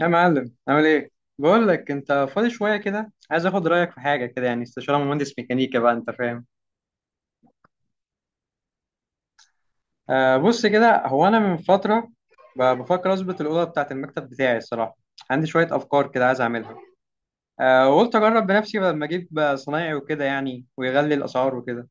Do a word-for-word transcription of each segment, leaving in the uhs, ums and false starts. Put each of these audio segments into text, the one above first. يا معلم عامل ايه؟ بقول لك انت فاضي شويه كده، عايز اخد رايك في حاجه كده، يعني استشاره مهندس ميكانيكا بقى انت فاهم. آه، بص كده، هو انا من فتره ب- بفكر اظبط الاوضه بتاعت المكتب بتاعي الصراحه. عندي شويه افكار كده عايز اعملها. آه، وقلت اجرب بنفسي بدل ما اجيب صنايعي وكده يعني، ويغلي الاسعار وكده.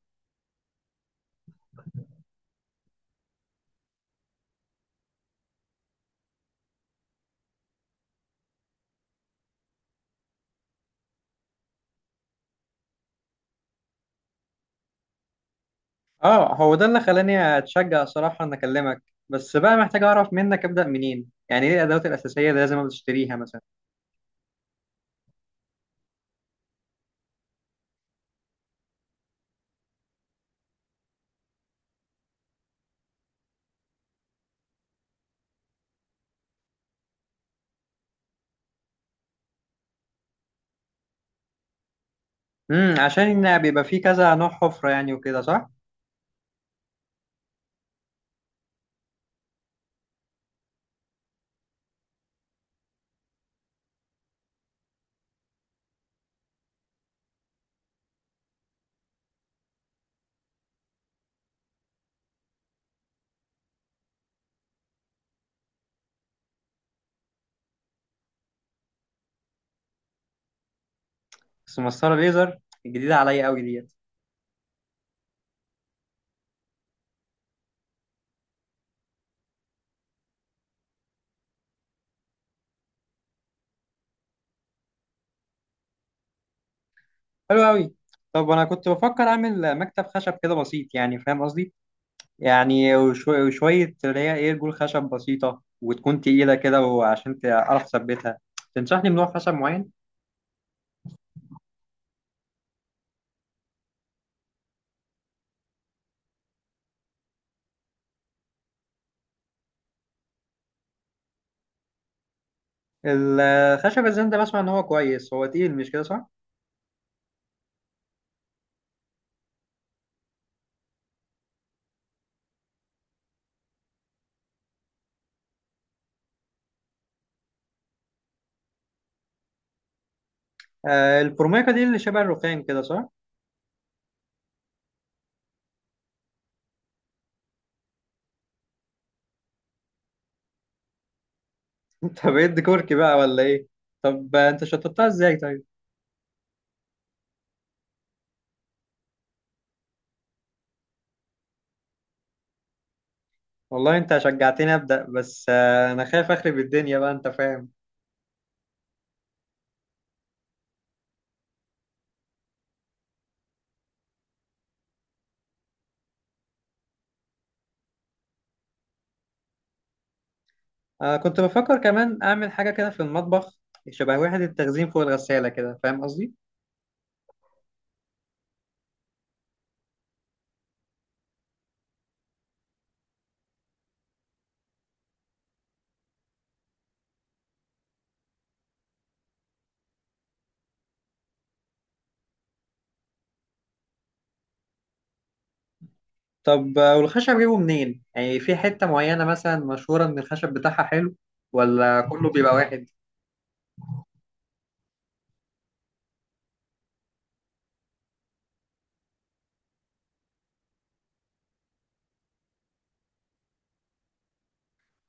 اه، هو ده اللي خلاني اتشجع صراحه ان اكلمك. بس بقى محتاج اعرف منك، ابدا منين؟ يعني ايه الادوات الاساسيه اللي لازم بتشتريها مثلا؟ امم، عشان بيبقى فيه كذا نوع حفره يعني وكده، صح؟ بس مسطرة ليزر جديدة عليا قوي ديت. حلو قوي. طب انا كنت بفكر اعمل مكتب خشب كده بسيط، يعني فاهم قصدي؟ يعني وشو- وشوية اللي هي ايه، رجول خشب بسيطة وتكون تقيلة كده، وعشان تعرف تثبتها تنصحني بنوع خشب معين. الخشب الزند ده بسمع ان هو كويس، هو تقيل مش كده صح؟ آه الفورميكا دي اللي شبه الرخام كده صح؟ انت بقيت ديكوركي بقى ولا ايه؟ طب آه، انت شطبتها ازاي طيب؟ والله انت شجعتني ابدا، بس آه انا خايف اخرب الدنيا بقى انت فاهم. آه، كنت بفكر كمان أعمل حاجة كده في المطبخ، شبه وحدة التخزين فوق الغسالة كده، فاهم قصدي؟ طب آه، والخشب جيبه منين؟ يعني في حتة معينة مثلا مشهورة إن الخشب بتاعها حلو، ولا كله بيبقى واحد؟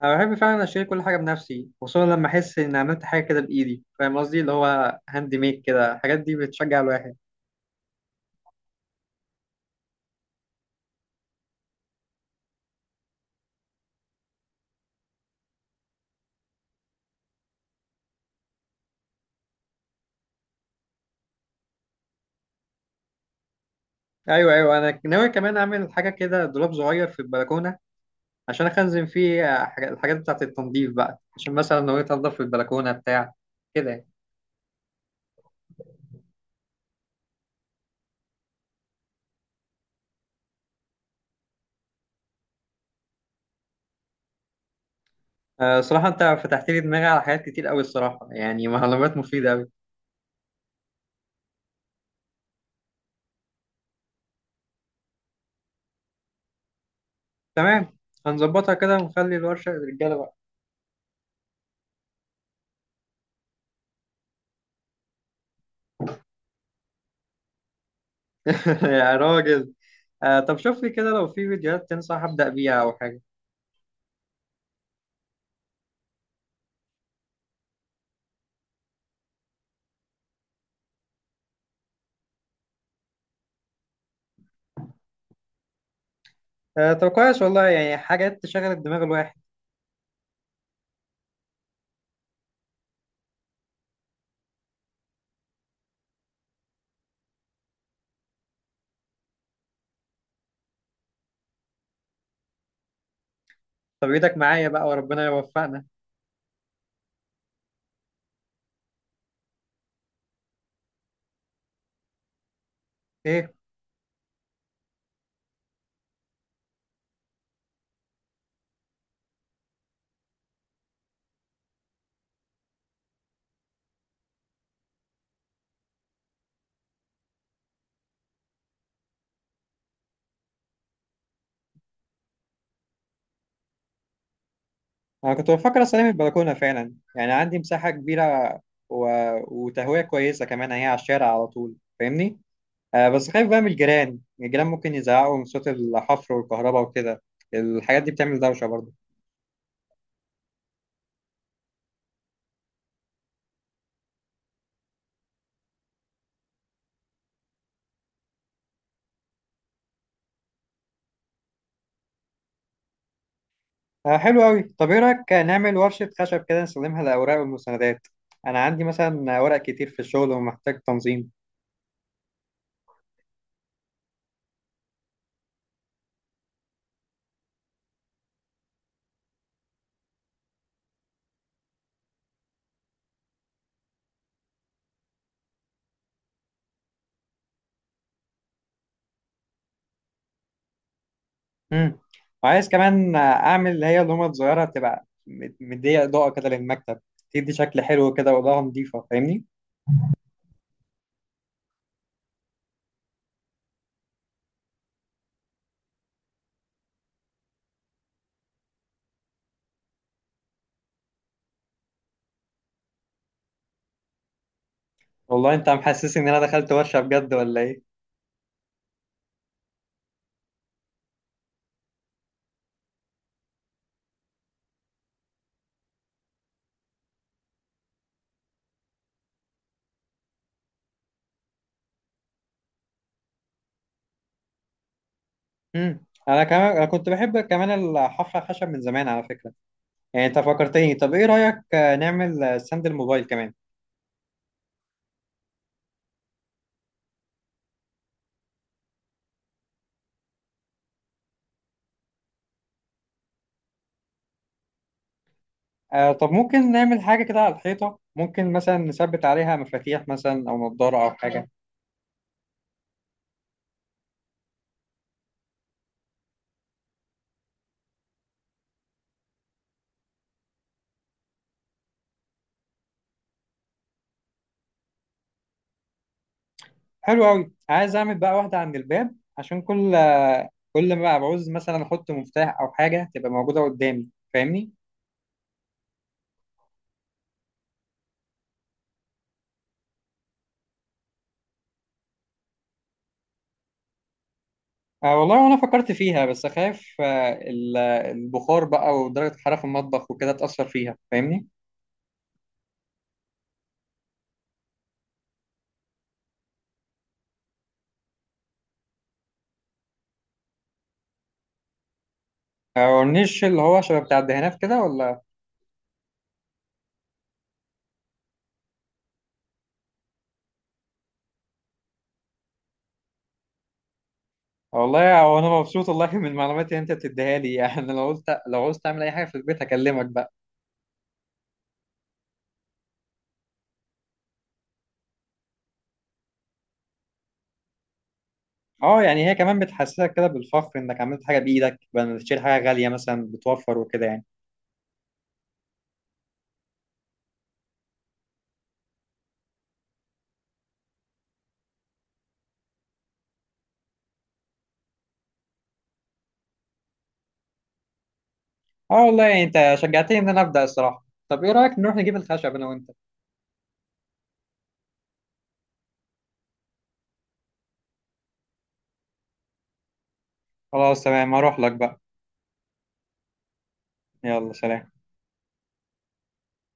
أنا بحب فعلا أشتري كل حاجة بنفسي، خصوصا لما أحس إن عملت حاجة كده بإيدي، فاهم قصدي؟ اللي هو هاند ميد كده، الحاجات دي بتشجع الواحد. أيوه أيوه، أنا ناوي كمان أعمل حاجة كده، دولاب صغير في البلكونة عشان أخزن فيه آه، حاجة- الحاجات بتاعة التنظيف بقى، عشان مثلا لو جيت أنضف في البلكونة بتاع كده يعني. آه، صراحة أنت فتحت لي دماغي على حاجات كتير أوي الصراحة، يعني معلومات مفيدة أوي. تمام، هنظبطها كده ونخلي الورشة للرجالة بقى. يا راجل. آه طب شوف لي كده لو في فيديوهات تنصح أبدأ بيها أو حاجة. آه طب كويس والله، يعني حاجات تشغل الدماغ الواحد. طب إيدك معايا بقى وربنا يوفقنا. إيه؟ أنا كنت بفكر أستلم البلكونة فعلا، يعني عندي مساحة كبيرة و... وتهوية كويسة كمان، هي على الشارع على طول فاهمني. آه بس خايف بقى من الجيران، الجيران ممكن يزعقوا من صوت الحفر والكهرباء وكده، الحاجات دي بتعمل دوشة برضه. آه حلو قوي. طب ايه رأيك نعمل ورشة خشب كده نستخدمها للأوراق والمستندات؟ أنا عندي مثلا ورق كتير في الشغل ومحتاج تنظيم. مم. وعايز كمان آه، أعمل اللي هي اللومة الصغيرة تبقى مد- مدية إضاءة كده للمكتب، تدي شكل حلو كده وإضاءة نظيفة فاهمني. والله أنت محسسني إن أنا دخلت ورشة بجد ولا إيه؟ مم. أنا كمان، أنا كنت بحب كمان الحفرة خشب من زمان على فكرة. يعني انت فكرتني، طب ايه رأيك آه، نعمل آه، ستاند الموبايل كمان؟ آه طب ممكن نعمل حاجة كده على الحيطة، ممكن مثلا نثبت عليها مفاتيح مثلا او نضارة او حاجة. حلو قوي، عايز اعمل بقى واحدة عند الباب عشان كل آه، كل ما بعوز مثلا احط مفتاح او حاجة تبقى موجودة قدامي، فاهمني؟ آه والله وانا فكرت فيها، بس خايف آه، ال- آه، البخار بقى ودرجة الحرارة في المطبخ وكده تأثر فيها فاهمني. آه، والنيش اللي هو شبه بتاع الدهانات كده ولا؟ والله هو انا مبسوط والله من المعلومات اللي انت بتديها لي. يعني لو قلت لو عاوز تعمل اي حاجه في البيت هكلمك بقى. اه يعني، هي كمان بتحسسك كده بالفخر انك عملت حاجه بايدك بدل ما تشتري حاجه غاليه مثلا، بتوفر وكده يعني. اه والله يعني انت شجعتني ان انا ابدا الصراحه. طب ايه رايك نروح نجيب الخشب انا وانت؟ خلاص تمام، هروح لك بقى. يلا سلام.